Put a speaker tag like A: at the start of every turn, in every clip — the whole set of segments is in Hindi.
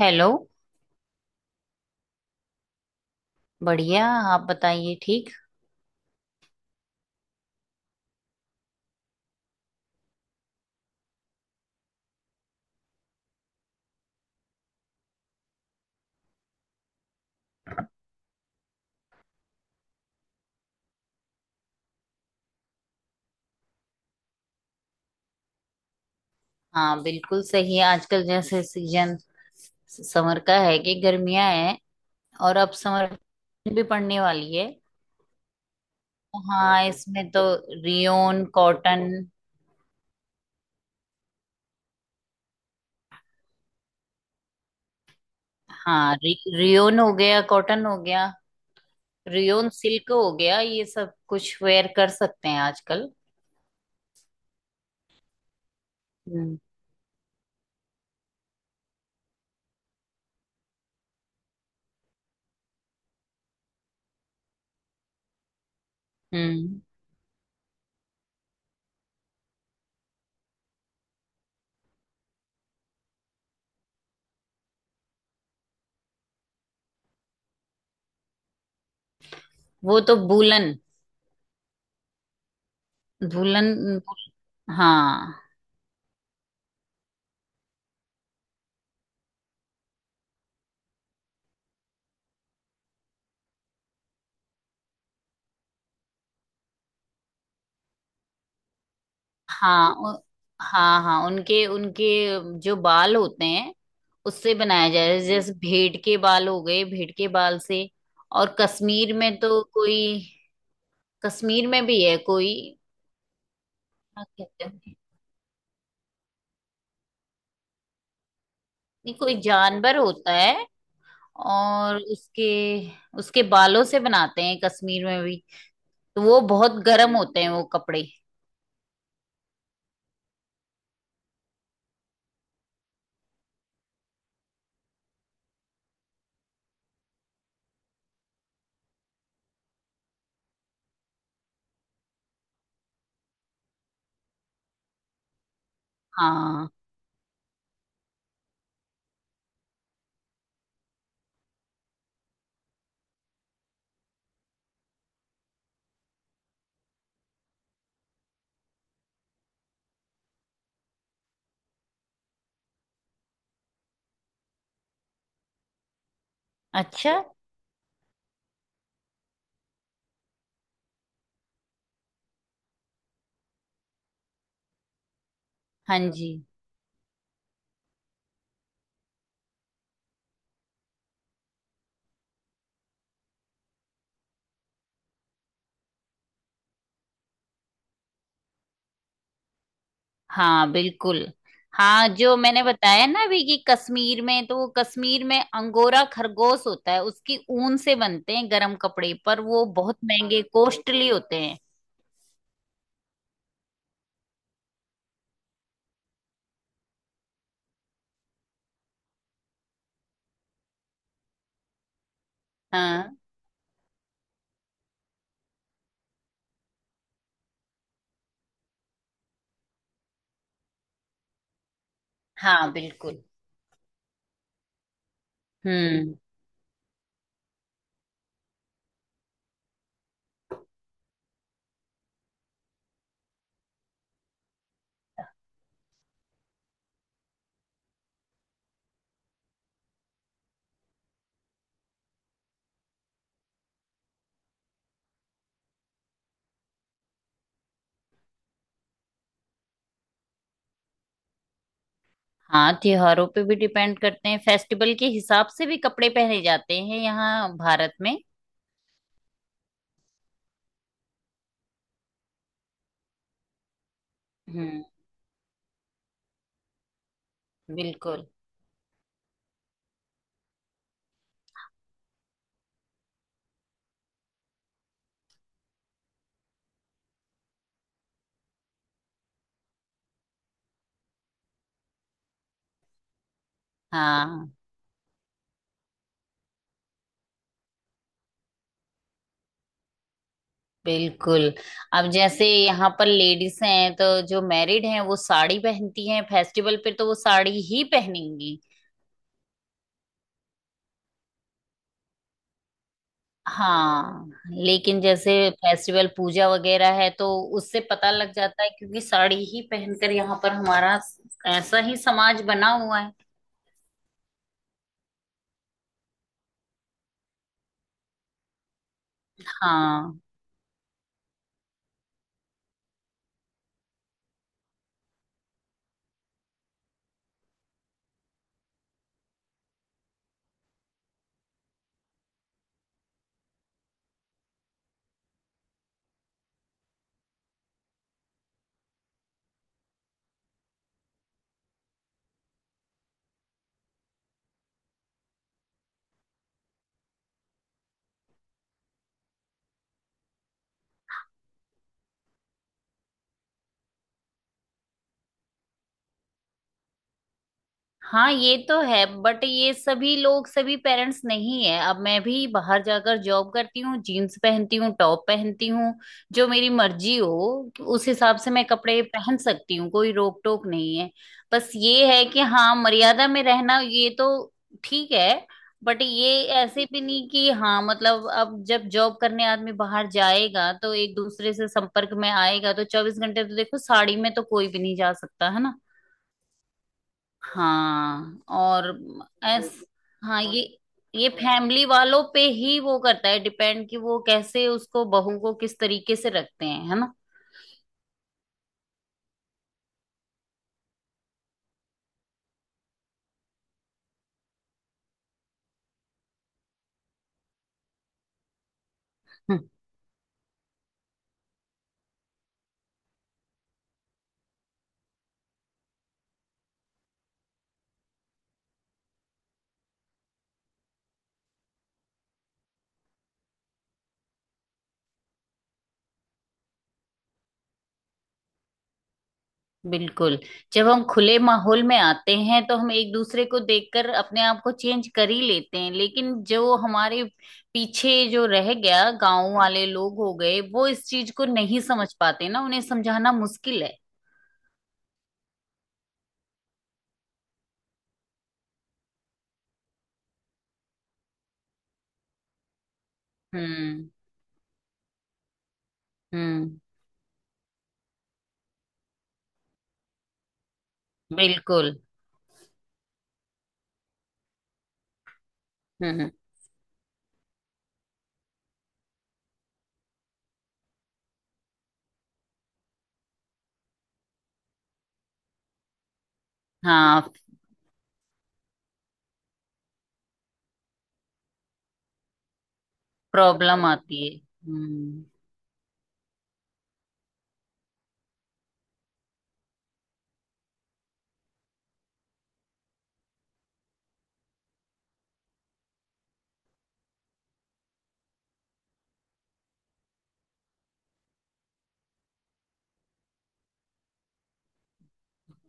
A: हेलो। बढ़िया। आप बताइए। ठीक। हाँ, बिल्कुल सही है। आजकल जैसे सीजन समर का है कि गर्मियां हैं। और अब समर भी पड़ने वाली है। तो हाँ, इसमें तो रियोन कॉटन। हाँ, रियोन हो गया, कॉटन हो गया, रियोन सिल्क हो गया, ये सब कुछ वेयर कर सकते हैं आजकल। हम्म। हम्म। वो तो वूलन, वूलन। हाँ, हाँ, हाँ, हाँ, उनके उनके जो बाल होते हैं, उससे बनाया जाता है। जैसे भेड़ के बाल हो गए, भेड़ के बाल से। और कश्मीर में तो कोई, कश्मीर में भी है कोई, क्या कहते हैं, नहीं, कोई जानवर होता है, और उसके उसके बालों से बनाते हैं कश्मीर में भी। तो वो बहुत गर्म होते हैं वो कपड़े। हाँ। अच्छा। हाँ जी। हाँ, बिल्कुल। हाँ, जो मैंने बताया ना अभी, कि कश्मीर में तो वो, कश्मीर में अंगोरा खरगोश होता है, उसकी ऊन से बनते हैं गरम कपड़े, पर वो बहुत महंगे, कॉस्टली होते हैं। हाँ। हाँ, बिल्कुल। हम्म। हाँ, त्योहारों पे भी डिपेंड करते हैं, फेस्टिवल के हिसाब से भी कपड़े पहने जाते हैं यहाँ भारत में। हम्म। बिल्कुल। हाँ, बिल्कुल। अब जैसे यहाँ पर लेडीज हैं, तो जो मैरिड हैं, वो साड़ी पहनती हैं, फेस्टिवल पे तो वो साड़ी ही पहनेंगी। हाँ। लेकिन जैसे फेस्टिवल, पूजा वगैरह है, तो उससे पता लग जाता है, क्योंकि साड़ी ही पहनकर, यहाँ पर हमारा ऐसा ही समाज बना हुआ है। हाँ, हाँ, ये तो है, बट ये सभी लोग, सभी पेरेंट्स नहीं है। अब मैं भी बाहर जाकर जॉब करती हूँ, जीन्स पहनती हूँ, टॉप पहनती हूँ। जो मेरी मर्जी हो उस हिसाब से मैं कपड़े पहन सकती हूँ, कोई रोक टोक नहीं है। बस ये है कि हाँ, मर्यादा में रहना, ये तो ठीक है। बट ये ऐसे भी नहीं कि, हाँ मतलब, अब जब जॉब करने आदमी बाहर जाएगा, तो एक दूसरे से संपर्क में आएगा, तो चौबीस घंटे तो देखो साड़ी में तो कोई भी नहीं जा सकता है ना। हाँ, और तो ऐस हाँ, और ये फैमिली वालों पे ही वो करता है डिपेंड, कि वो कैसे उसको, बहू को किस तरीके से रखते हैं, है ना। हम्म, बिल्कुल। जब हम खुले माहौल में आते हैं तो हम एक दूसरे को देखकर अपने आप को चेंज कर ही लेते हैं, लेकिन जो हमारे पीछे जो रह गया, गांव वाले लोग हो गए, वो इस चीज को नहीं समझ पाते ना, उन्हें समझाना मुश्किल है। हम्म, हम्म, बिल्कुल। हम्म, हाँ। प्रॉब्लम आती है। हम्म,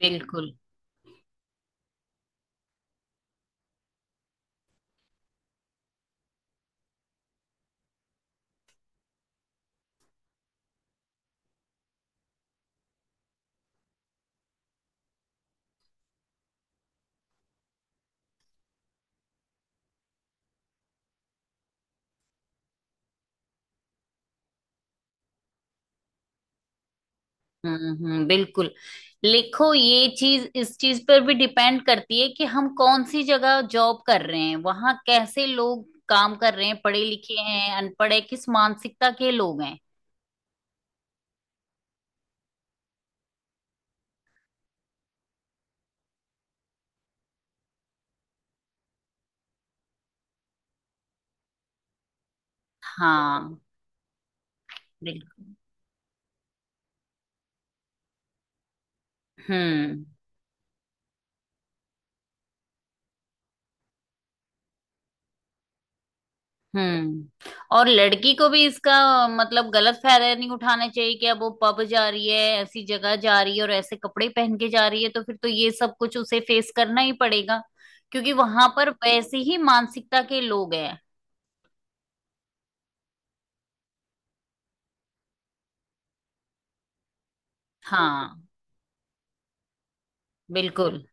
A: बिल्कुल। हम्म, हम्म, बिल्कुल। लिखो, ये चीज, इस चीज पर भी डिपेंड करती है कि हम कौन सी जगह जॉब कर रहे हैं, वहां कैसे लोग काम कर रहे हैं, पढ़े लिखे हैं, अनपढ़ है, किस मानसिकता के लोग हैं। हाँ, बिल्कुल। हम्म, हम्म। और लड़की को भी इसका मतलब गलत फायदा नहीं उठाना चाहिए कि अब वो पब जा रही है, ऐसी जगह जा रही है, और ऐसे कपड़े पहन के जा रही है, तो फिर तो ये सब कुछ उसे फेस करना ही पड़ेगा, क्योंकि वहां पर वैसे ही मानसिकता के लोग हैं। हाँ, बिल्कुल,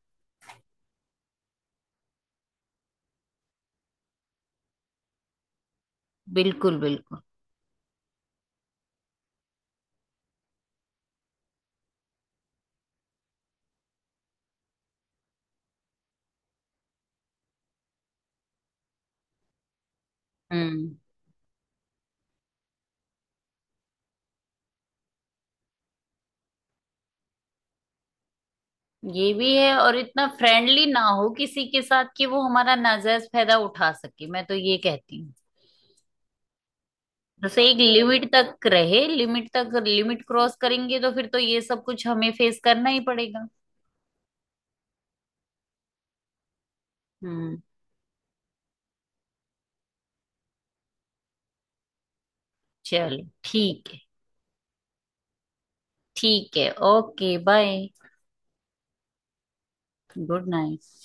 A: बिल्कुल। बिल्कुल। हम्म। ये भी है। और इतना फ्रेंडली ना हो किसी के साथ, कि वो हमारा नाजायज फायदा उठा सके, मैं तो ये कहती हूँ। जैसे एक लिमिट तक रहे, लिमिट तक, लिमिट क्रॉस करेंगे तो फिर तो ये सब कुछ हमें फेस करना ही पड़ेगा। हम्म। चलो, ठीक है। ठीक है। Okay, bye. Good night.